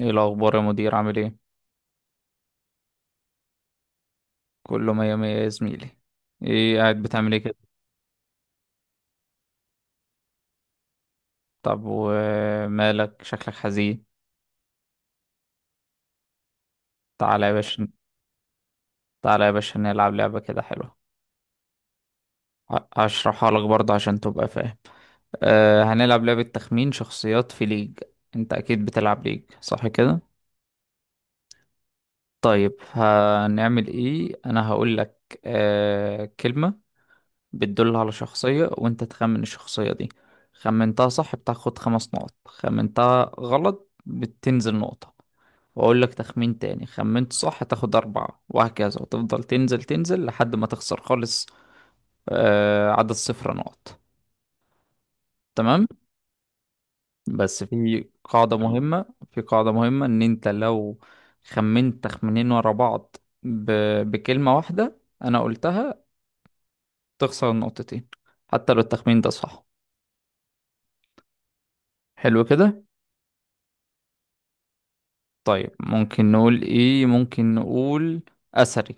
ايه الاخبار يا مدير؟ عامل ايه؟ كله مية مية يا زميلي. ايه قاعد بتعمل ايه كده؟ طب ومالك شكلك حزين؟ تعالى يا باشا. تعالى يا باشا نلعب لعبة كده حلوة. هشرحها لك برضه عشان تبقى فاهم. هنلعب لعبة تخمين شخصيات في ليج. انت اكيد بتلعب ليج، صح كده؟ طيب هنعمل ايه؟ انا هقول لك كلمة بتدل على شخصية، وانت تخمن الشخصية دي. خمنتها صح بتاخد خمس نقط، خمنتها غلط بتنزل نقطة، واقول لك تخمين تاني. خمنت صح تاخد أربعة، وهكذا، وتفضل تنزل تنزل لحد ما تخسر خالص. آه، عدد صفر نقط. تمام. بس في قاعدة مهمة. في قاعدة مهمة، ان انت لو خمنت تخمينين ورا بعض ب... بكلمة واحدة انا قلتها، تخسر النقطتين حتى لو التخمين ده صح. حلو كده. طيب ممكن نقول ايه؟ ممكن نقول اثري.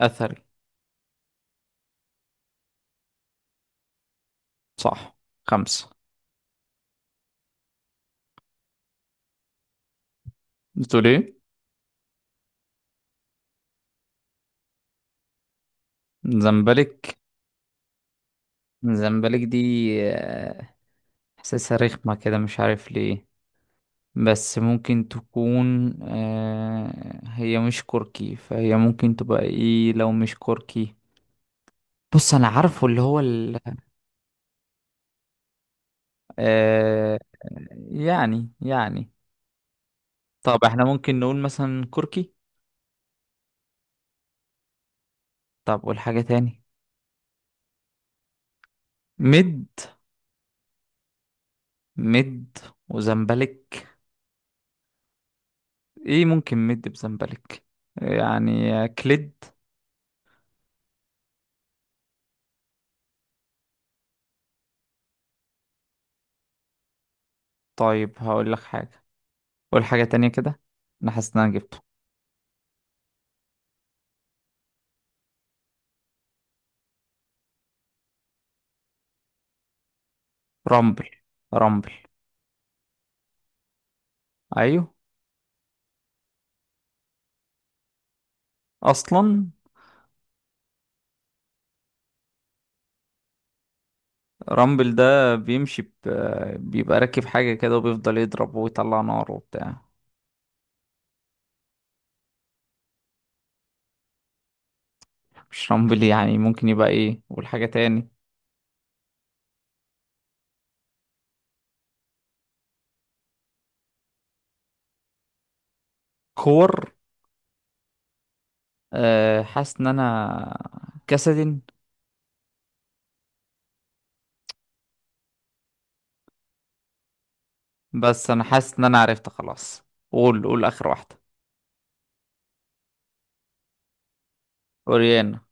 اثري. صح. خمسة. بتقول ايه؟ زمبلك. زمبلك دي، آه، احساسها رخمة كده مش عارف ليه. بس ممكن تكون، هي مش كركي، فهي ممكن تبقى ايه لو مش كركي؟ بص انا عارفه، اللي هو آه، يعني. طب احنا ممكن نقول مثلا كركي. طب والحاجة تاني؟ مد. مد وزمبلك. ايه ممكن مد بزنبلك؟ يعني كليد. طيب هقول لك حاجة، قول حاجة تانية كده. انا حاسس ان انا جبته. رامبل. رامبل. ايوه. اصلا رامبل ده بيمشي بيبقى راكب حاجة كده وبيفضل يضرب ويطلع نار وبتاع. مش رامبل؟ يعني ممكن يبقى ايه؟ قول حاجة تاني. كور. أه، حاسس ان انا كاسدين. بس انا حاسس ان انا عرفت خلاص. قول اخر واحدة. اوريانا.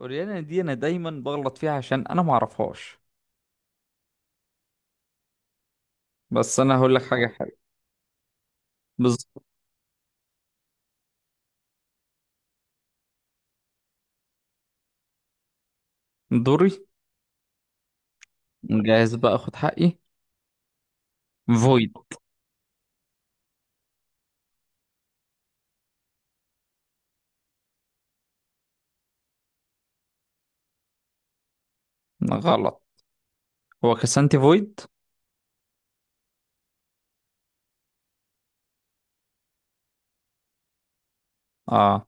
اوريانا دي انا دايما بغلط فيها عشان انا ما اعرفهاش. بس انا هقول لك حاجه حلوه. بالظبط. دوري، جاهز بقى اخد حقي. فويد. غلط. هو كسانتي فويد. اه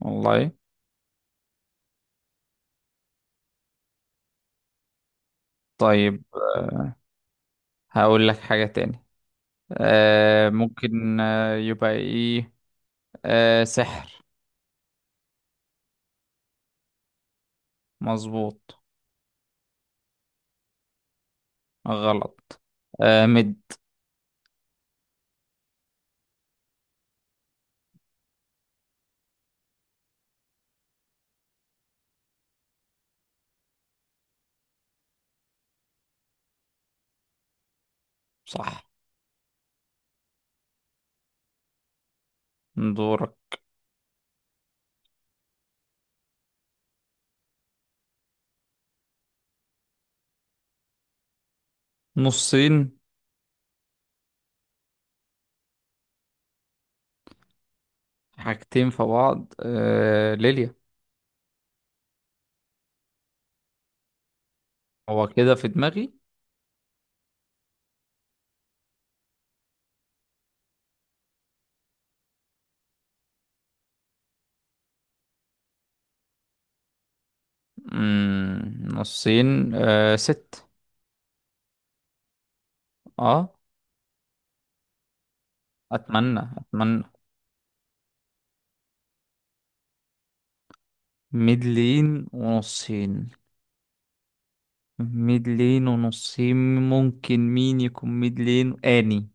والله. طيب. آه، هقول لك حاجه تاني. آه، ممكن آه يبقى ايه؟ آه، سحر. مظبوط. غلط. آه، مد. صح. دورك. نصين. حاجتين في بعض، آه ليليا. هو كده في دماغي. نصين، آه ست. اه. اتمنى اتمنى. ميدلين ونصين. ميدلين ونصين. ممكن مين يكون ميدلين اني؟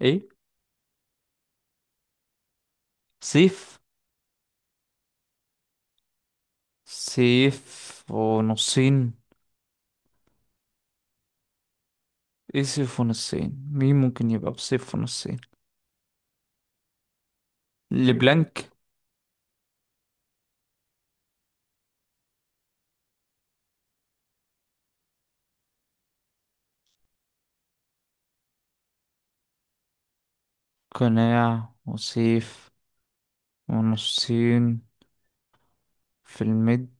ايه؟ سيف. سيف ونصين. ايه سيف ونصين؟ مين ممكن يبقى بسيف ونصين؟ لبلانك. قناع وسيف ونصين في الميد،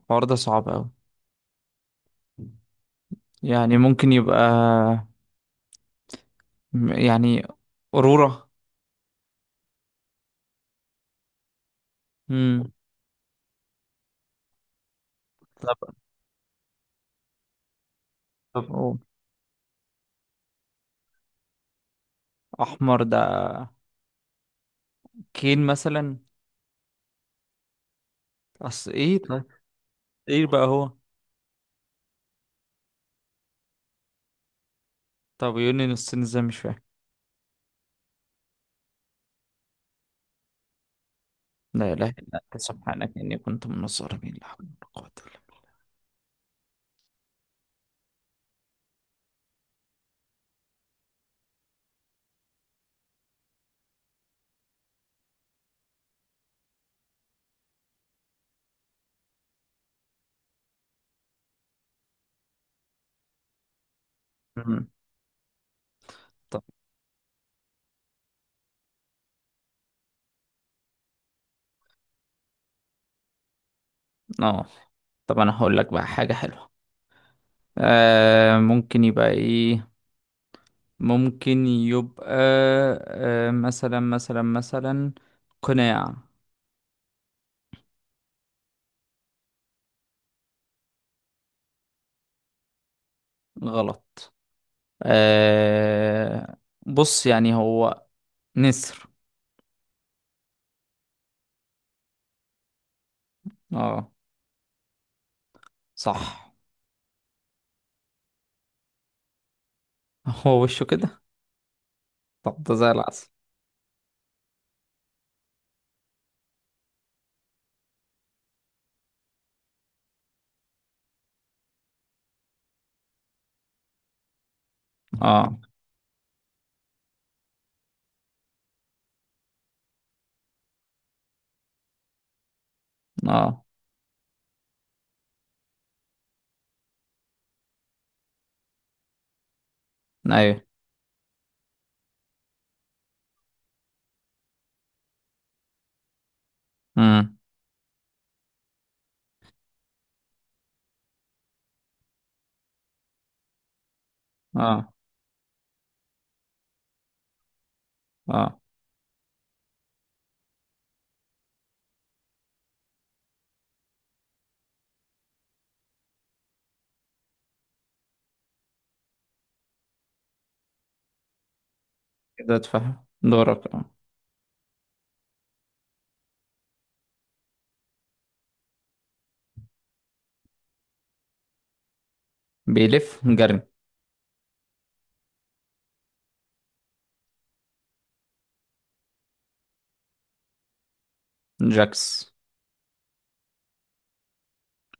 الحوار ده صعب اوي. يعني ممكن يبقى، يعني أورورا. امم. طب. طب أوه. احمر ده، كين مثلا. اصل ايه طيب؟ ايه بقى هو؟ طب يونين السن ازاي؟ مش فاهم. لا اله الا انت سبحانك اني كنت من الظالمين، لا حول ولا قوة الا بالله. طب. اه. طب انا هقول لك بقى حاجة حلوة. آه، ممكن يبقى ايه؟ ممكن يبقى، آه، مثلا قناع. غلط. آه، بص يعني هو نسر. اه. صح. هو وشه كده. طب ده زي العسل. اه. اه. ايوه. امم اه. اه، كده اتفهم. دورك اه. بيلف جري. جاكس.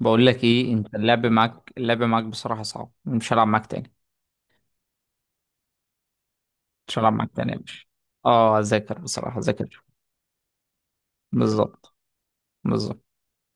بقول لك ايه، انت، اللعب معاك بصراحة صعب، مش هلعب معاك تاني. مش هلعب معاك تاني يا باشا. اه، اذاكر بصراحة، اذاكر. بالظبط. بالظبط.